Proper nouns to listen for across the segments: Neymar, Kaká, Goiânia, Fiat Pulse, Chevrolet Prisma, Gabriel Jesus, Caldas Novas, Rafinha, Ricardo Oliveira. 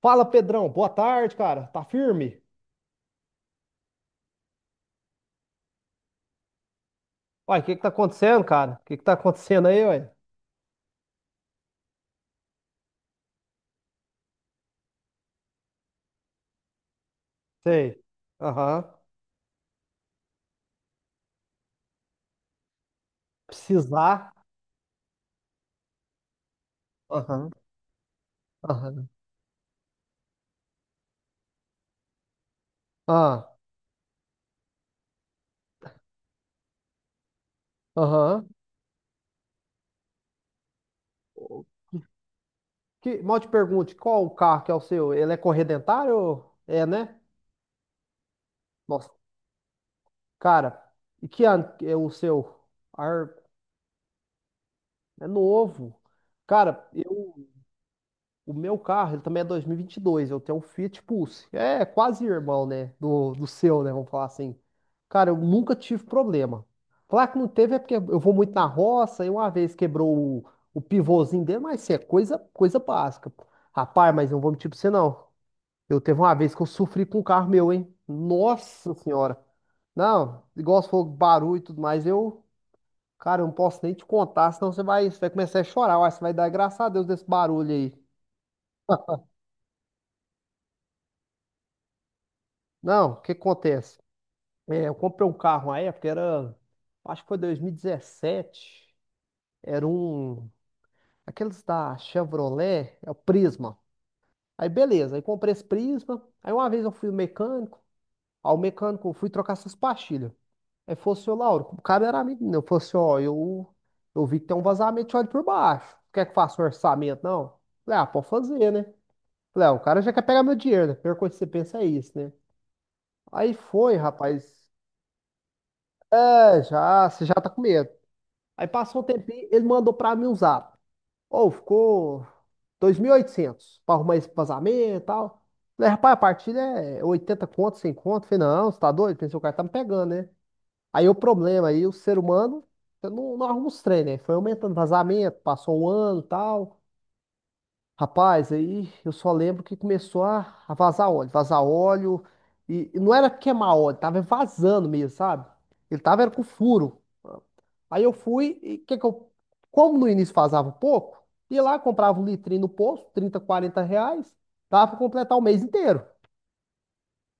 Fala, Pedrão. Boa tarde, cara. Tá firme? Uai, o que que tá acontecendo, cara? O que que tá acontecendo aí, uai? Sei. Aham. Precisar. Aham. Aham. Ah, aham. O Que, mal te pergunte, qual o carro que é o seu? Ele é corredentário? É, né? Nossa, cara. E que ano que é o seu? Ar... É novo. Cara, eu. O meu carro, ele também é 2022. Eu tenho um Fiat Pulse. É quase irmão, né? Do seu, né? Vamos falar assim. Cara, eu nunca tive problema. Falar que não teve é porque eu vou muito na roça e uma vez quebrou o, o pivôzinho dele, mas isso é coisa, coisa básica. Rapaz, mas eu não vou mentir pra você, não. Eu teve uma vez que eu sofri com um carro meu, hein? Nossa senhora. Não, igual você falou barulho e tudo mais, eu, cara, eu não posso nem te contar, senão você vai começar a chorar. Uai, você vai dar graças a Deus desse barulho aí. Não, o que acontece? É, eu comprei um carro na época, era, acho que foi 2017. Era um, aqueles da Chevrolet, é o Prisma. Aí beleza, aí comprei esse Prisma. Aí uma vez eu fui no mecânico, ao mecânico eu fui trocar essas pastilhas. Aí falou assim, ô Lauro, o cara era amigo meu, falou assim, ó, eu vi que tem um vazamento de óleo por baixo. Quer que eu faça um orçamento, não? Falei, ah, pode fazer, né? Falei, ah, o cara já quer pegar meu dinheiro, né? A pior coisa que você pensa é isso, né? Aí foi, rapaz. É, já, você já tá com medo. Aí passou um tempinho, ele mandou pra mim um zap. Ou ficou 2.800 pra arrumar esse vazamento e tal. Falei, rapaz, a partilha é 80 conto, 100 conto. Falei, não, você tá doido? Pensei, o cara tá me pegando, né? Aí o problema, aí o ser humano, eu não, não arruma os trem, né? Foi aumentando vazamento, passou um ano e tal. Rapaz, aí eu só lembro que começou a vazar óleo, vazar óleo. E não era queimar óleo, tava vazando mesmo, sabe? Ele tava era com furo. Aí eu fui, e que eu, como no início fazava pouco, ia lá, comprava um litrinho no posto, 30, 40 reais, dava para completar o mês inteiro.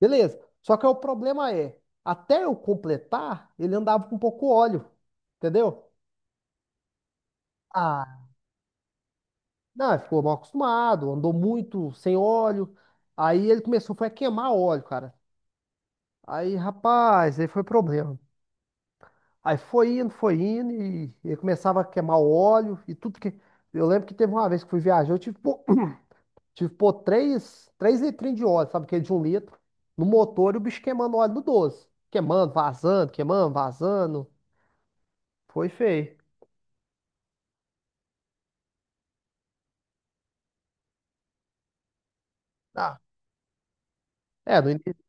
Beleza. Só que o problema é, até eu completar, ele andava com pouco óleo, entendeu? Ah, não, ele ficou mal acostumado, andou muito sem óleo. Aí ele começou, foi a queimar óleo, cara. Aí, rapaz, aí foi problema. Aí foi indo, e ele começava a queimar o óleo e tudo que. Eu lembro que teve uma vez que fui viajar, eu tive. Pô Tive que pôr três litrinhos de óleo, sabe, que é de um litro, no motor e o bicho queimando óleo do doze. Queimando, vazando, queimando, vazando. Foi feio. Ah, é, no início.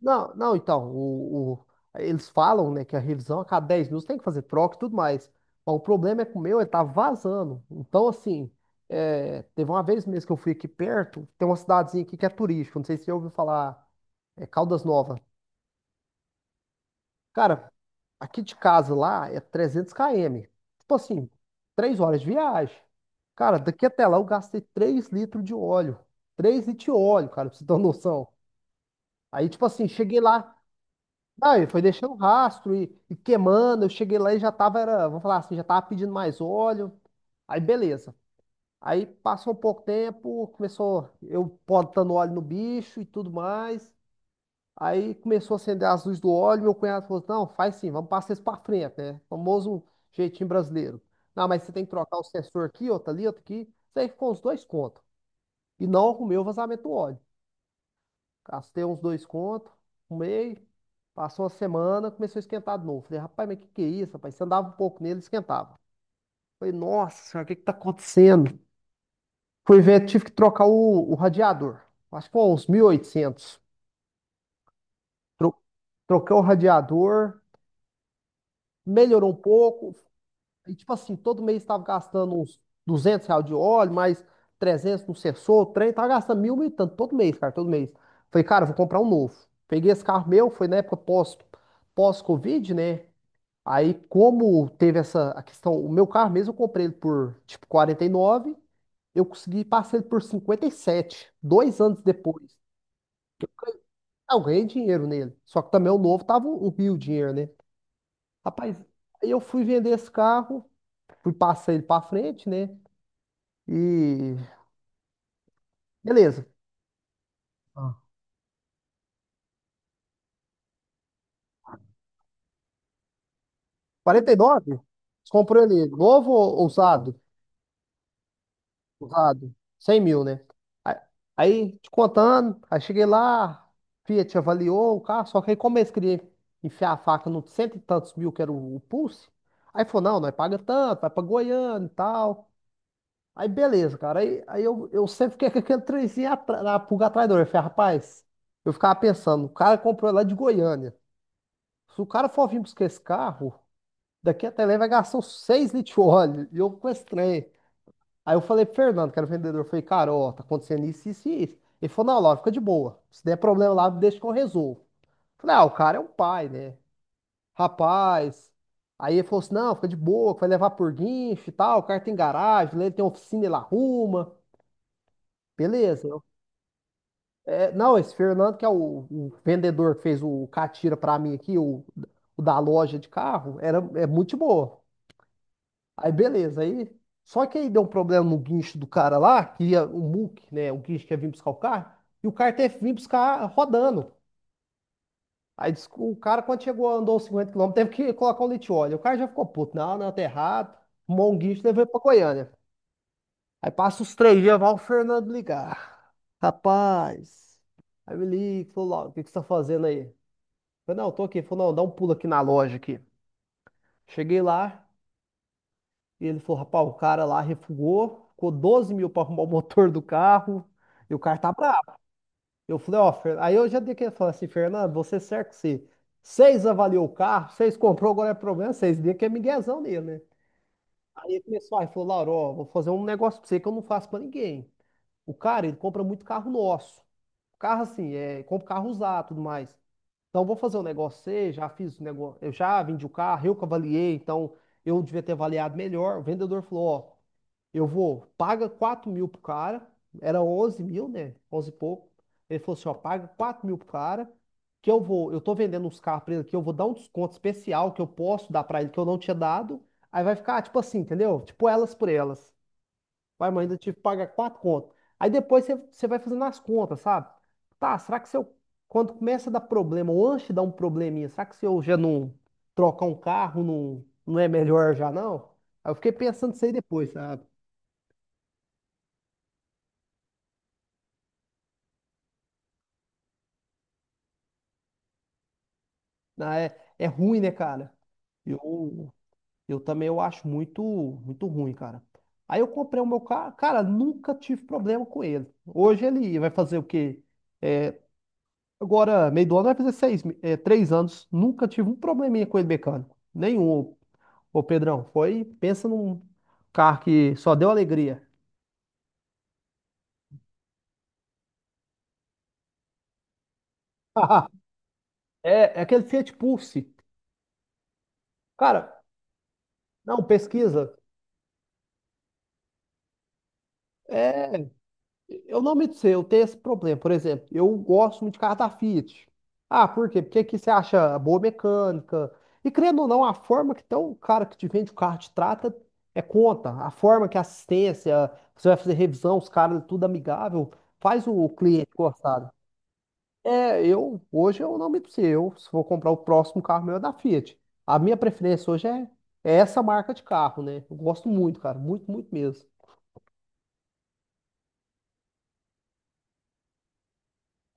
Não, não, então, eles falam, né, que a revisão a cada 10 minutos tem que fazer troca e tudo mais. Mas o problema é que o meu, ele tava vazando. Então, assim, é, teve uma vez mesmo que eu fui aqui perto, tem uma cidadezinha aqui que é turística, não sei se você ouviu falar, é Caldas Novas. Cara, aqui de casa lá é 300 km. Tipo assim, 3 horas de viagem. Cara, daqui até lá eu gastei 3 litros de óleo. Três litros de óleo, cara, pra você ter uma noção. Aí, tipo assim, cheguei lá. Aí foi deixando rastro e queimando. Eu cheguei lá e já tava, era, vamos falar assim, já tava pedindo mais óleo. Aí, beleza. Aí passou um pouco tempo, começou eu botando óleo no bicho e tudo mais. Aí começou a acender as luzes do óleo. Meu cunhado falou: não, faz sim, vamos passar isso pra frente, né? Famoso jeitinho brasileiro. Não, mas você tem que trocar o sensor aqui, outro ali, outro aqui. Isso aí ficou uns dois contos. E não arrumei o vazamento do óleo. Gastei uns dois contos, arrumei. Passou uma semana, começou a esquentar de novo. Falei: rapaz, mas o que que é isso, rapaz? Você andava um pouco nele, esquentava. Falei: nossa senhora, o que que tá acontecendo? Fui ver, tive que trocar o radiador. Acho que foi uns 1.800. Tro- Troquei o radiador, melhorou um pouco. E tipo assim, todo mês estava gastando uns 200 reais de óleo, mais 300 no sensor, o trem, tava gastando mil, mil e tanto, todo mês, cara, todo mês. Falei, cara, eu vou comprar um novo. Peguei esse carro meu, foi na época pós-Covid, né? Aí, como teve essa a questão, o meu carro mesmo, eu comprei ele por, tipo, 49. Eu consegui passar ele por 57 2 anos depois. Ah, eu ganhei dinheiro nele, só que também o novo tava um rio de dinheiro, né? Rapaz, aí eu fui vender esse carro, fui passar ele pra frente, né? E beleza. Ah. 49? Você comprou ele novo ou usado? Usado. 100 mil, né? A- Aí, te contando, aí cheguei lá, Fiat avaliou o carro, só que aí como eles queriam enfiar a faca no cento e tantos mil que era o Pulse, aí falou, não, nós paga tanto, vai pra Goiânia e tal. Aí beleza, cara. Aí eu sempre fiquei com aquele trenzinho na pulga atrás da orelha. Eu falei, rapaz, eu ficava pensando, o cara comprou lá de Goiânia. Se o cara for vir buscar esse carro, daqui até lá ele vai gastar uns 6 litros de óleo. E eu com esse trem. Aí eu falei pro Fernando, que era o vendedor, eu falei, cara, ó, tá acontecendo isso, isso e isso. Ele falou, não, Laura, fica de boa. Se der problema lá, deixa que eu resolvo. Eu falei, ah, o cara é um pai, né? Rapaz. Aí ele falou assim, não, fica de boa, que vai levar por guincho e tal, o cara tem garagem, lá ele tem oficina, ele arruma. Beleza. É, não, esse Fernando, que é o vendedor que fez o catira pra mim aqui, o da loja de carro, era, é muito de boa. Aí beleza, aí. Só que aí deu um problema no guincho do cara lá, que ia, o muque, né? O guincho que ia vir buscar o carro, e o carro teve que vir buscar rodando. Aí disse que o cara, quando chegou, andou 50 quilômetros, teve que colocar um litióleo. O cara já ficou puto. Não, não, tá errado. Arrumou um guincho e levou ele pra Goiânia. Aí passa os 3 dias, vai o Fernando ligar. Rapaz. Aí me liga, falou, Lauro, o que que você tá fazendo aí? Eu falei, não, eu tô aqui. Ele falou, não, dá um pulo aqui na loja aqui. Cheguei lá, e ele falou, rapaz, o cara lá refugou, ficou 12 mil para arrumar o motor do carro, e o cara tá bravo. Eu falei, ó, aí eu já dei que falar assim, Fernando, você certo que você, vocês avaliou o carro, vocês comprou, agora é problema, vocês dê que é miguezão dele, né? Aí ele começou, aí falou, Lauro, ó, vou fazer um negócio pra você que eu não faço pra ninguém. O cara, ele compra muito carro nosso. Carro assim, é, compra carro usado, tudo mais. Então, vou fazer o negócio C, já fiz o negócio, eu já vendi o carro, eu que avaliei, então eu devia ter avaliado melhor. O vendedor falou, ó, eu vou, paga 4 mil pro cara, era 11 mil, né? 11 e pouco. Ele falou assim, ó, paga 4 mil pro cara, que eu vou, eu tô vendendo uns carros pra ele aqui, eu vou dar um desconto especial que eu posso dar pra ele, que eu não tinha dado. Aí vai ficar, tipo assim, entendeu? Tipo elas por elas. Vai, mas ainda tive que pagar quatro contas. Aí depois você vai fazendo as contas, sabe? Tá, será que se eu, quando começa a dar problema, ou antes de dar um probleminha, será que se eu já não trocar um carro, não, não é melhor já não? Aí eu fiquei pensando isso aí depois, sabe? Ah, é ruim, né, cara? Eu, eu também eu acho muito, muito ruim, cara. Aí eu comprei o meu carro, cara, nunca tive problema com ele. Hoje ele vai fazer o quê? É, agora, meio do ano vai fazer 3 anos. Nunca tive um probleminha com ele mecânico. Nenhum, ô Pedrão. Pensa num carro que só deu alegria. É aquele Fiat Pulse. Cara, não, pesquisa. É. Eu não me sei, eu tenho esse problema. Por exemplo, eu gosto muito de carro da Fiat. Ah, por quê? Porque aqui você acha a boa mecânica. E querendo ou não, a forma que então, o cara que te vende o carro te trata é conta. A forma que a assistência, você vai fazer revisão, os caras, é tudo amigável, faz o cliente gostar. É, eu, hoje eu não me sei. Eu, se for comprar o próximo carro meu é da Fiat. A minha preferência hoje é essa marca de carro, né? Eu gosto muito, cara, muito, muito mesmo.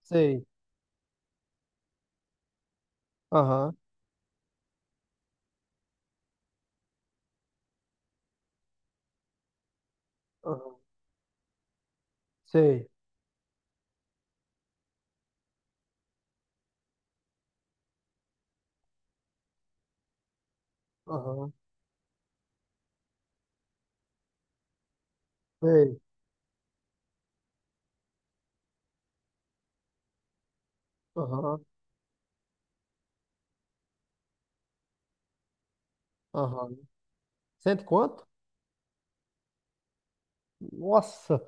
Sei. Aham, aham, sei. Aham, sei. Aham, aham. Cento e quanto? Nossa,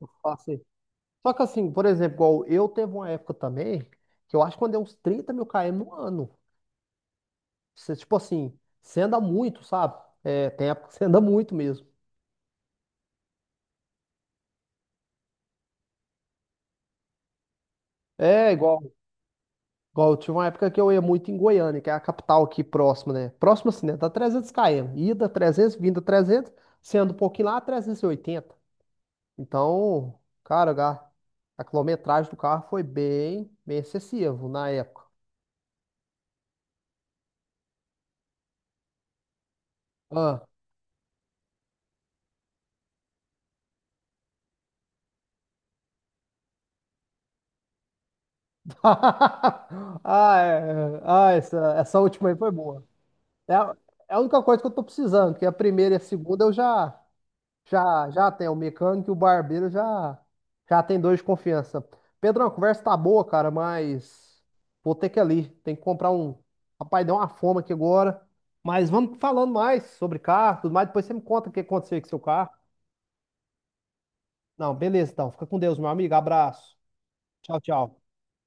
eu faço aí. Só que assim, por exemplo, igual eu teve uma época também que eu acho que eu andei uns 30 mil km no ano. Você, tipo assim, você anda muito, sabe? É, tem época que você anda muito mesmo. É, igual, eu tive uma época que eu ia muito em Goiânia, que é a capital aqui próxima, né? Próxima assim, né? Dá 300 km. Ida 300, vinda 300, sendo um pouquinho lá, 380. Então, cara, a quilometragem do carro foi bem, bem excessivo na época. Ah, ah, é. É. Ah, essa última aí foi boa. É, a é a única coisa que eu tô precisando, que a primeira e a segunda eu já tenho. O mecânico e o barbeiro já tem dois de confiança. Pedrão, a conversa tá boa, cara, mas vou ter que ir ali. Tem que comprar um. Rapaz, deu uma fome aqui agora. Mas vamos falando mais sobre carro, tudo mais. Depois você me conta o que aconteceu com seu carro. Não, beleza, então. Fica com Deus, meu amigo. Abraço. Tchau, tchau.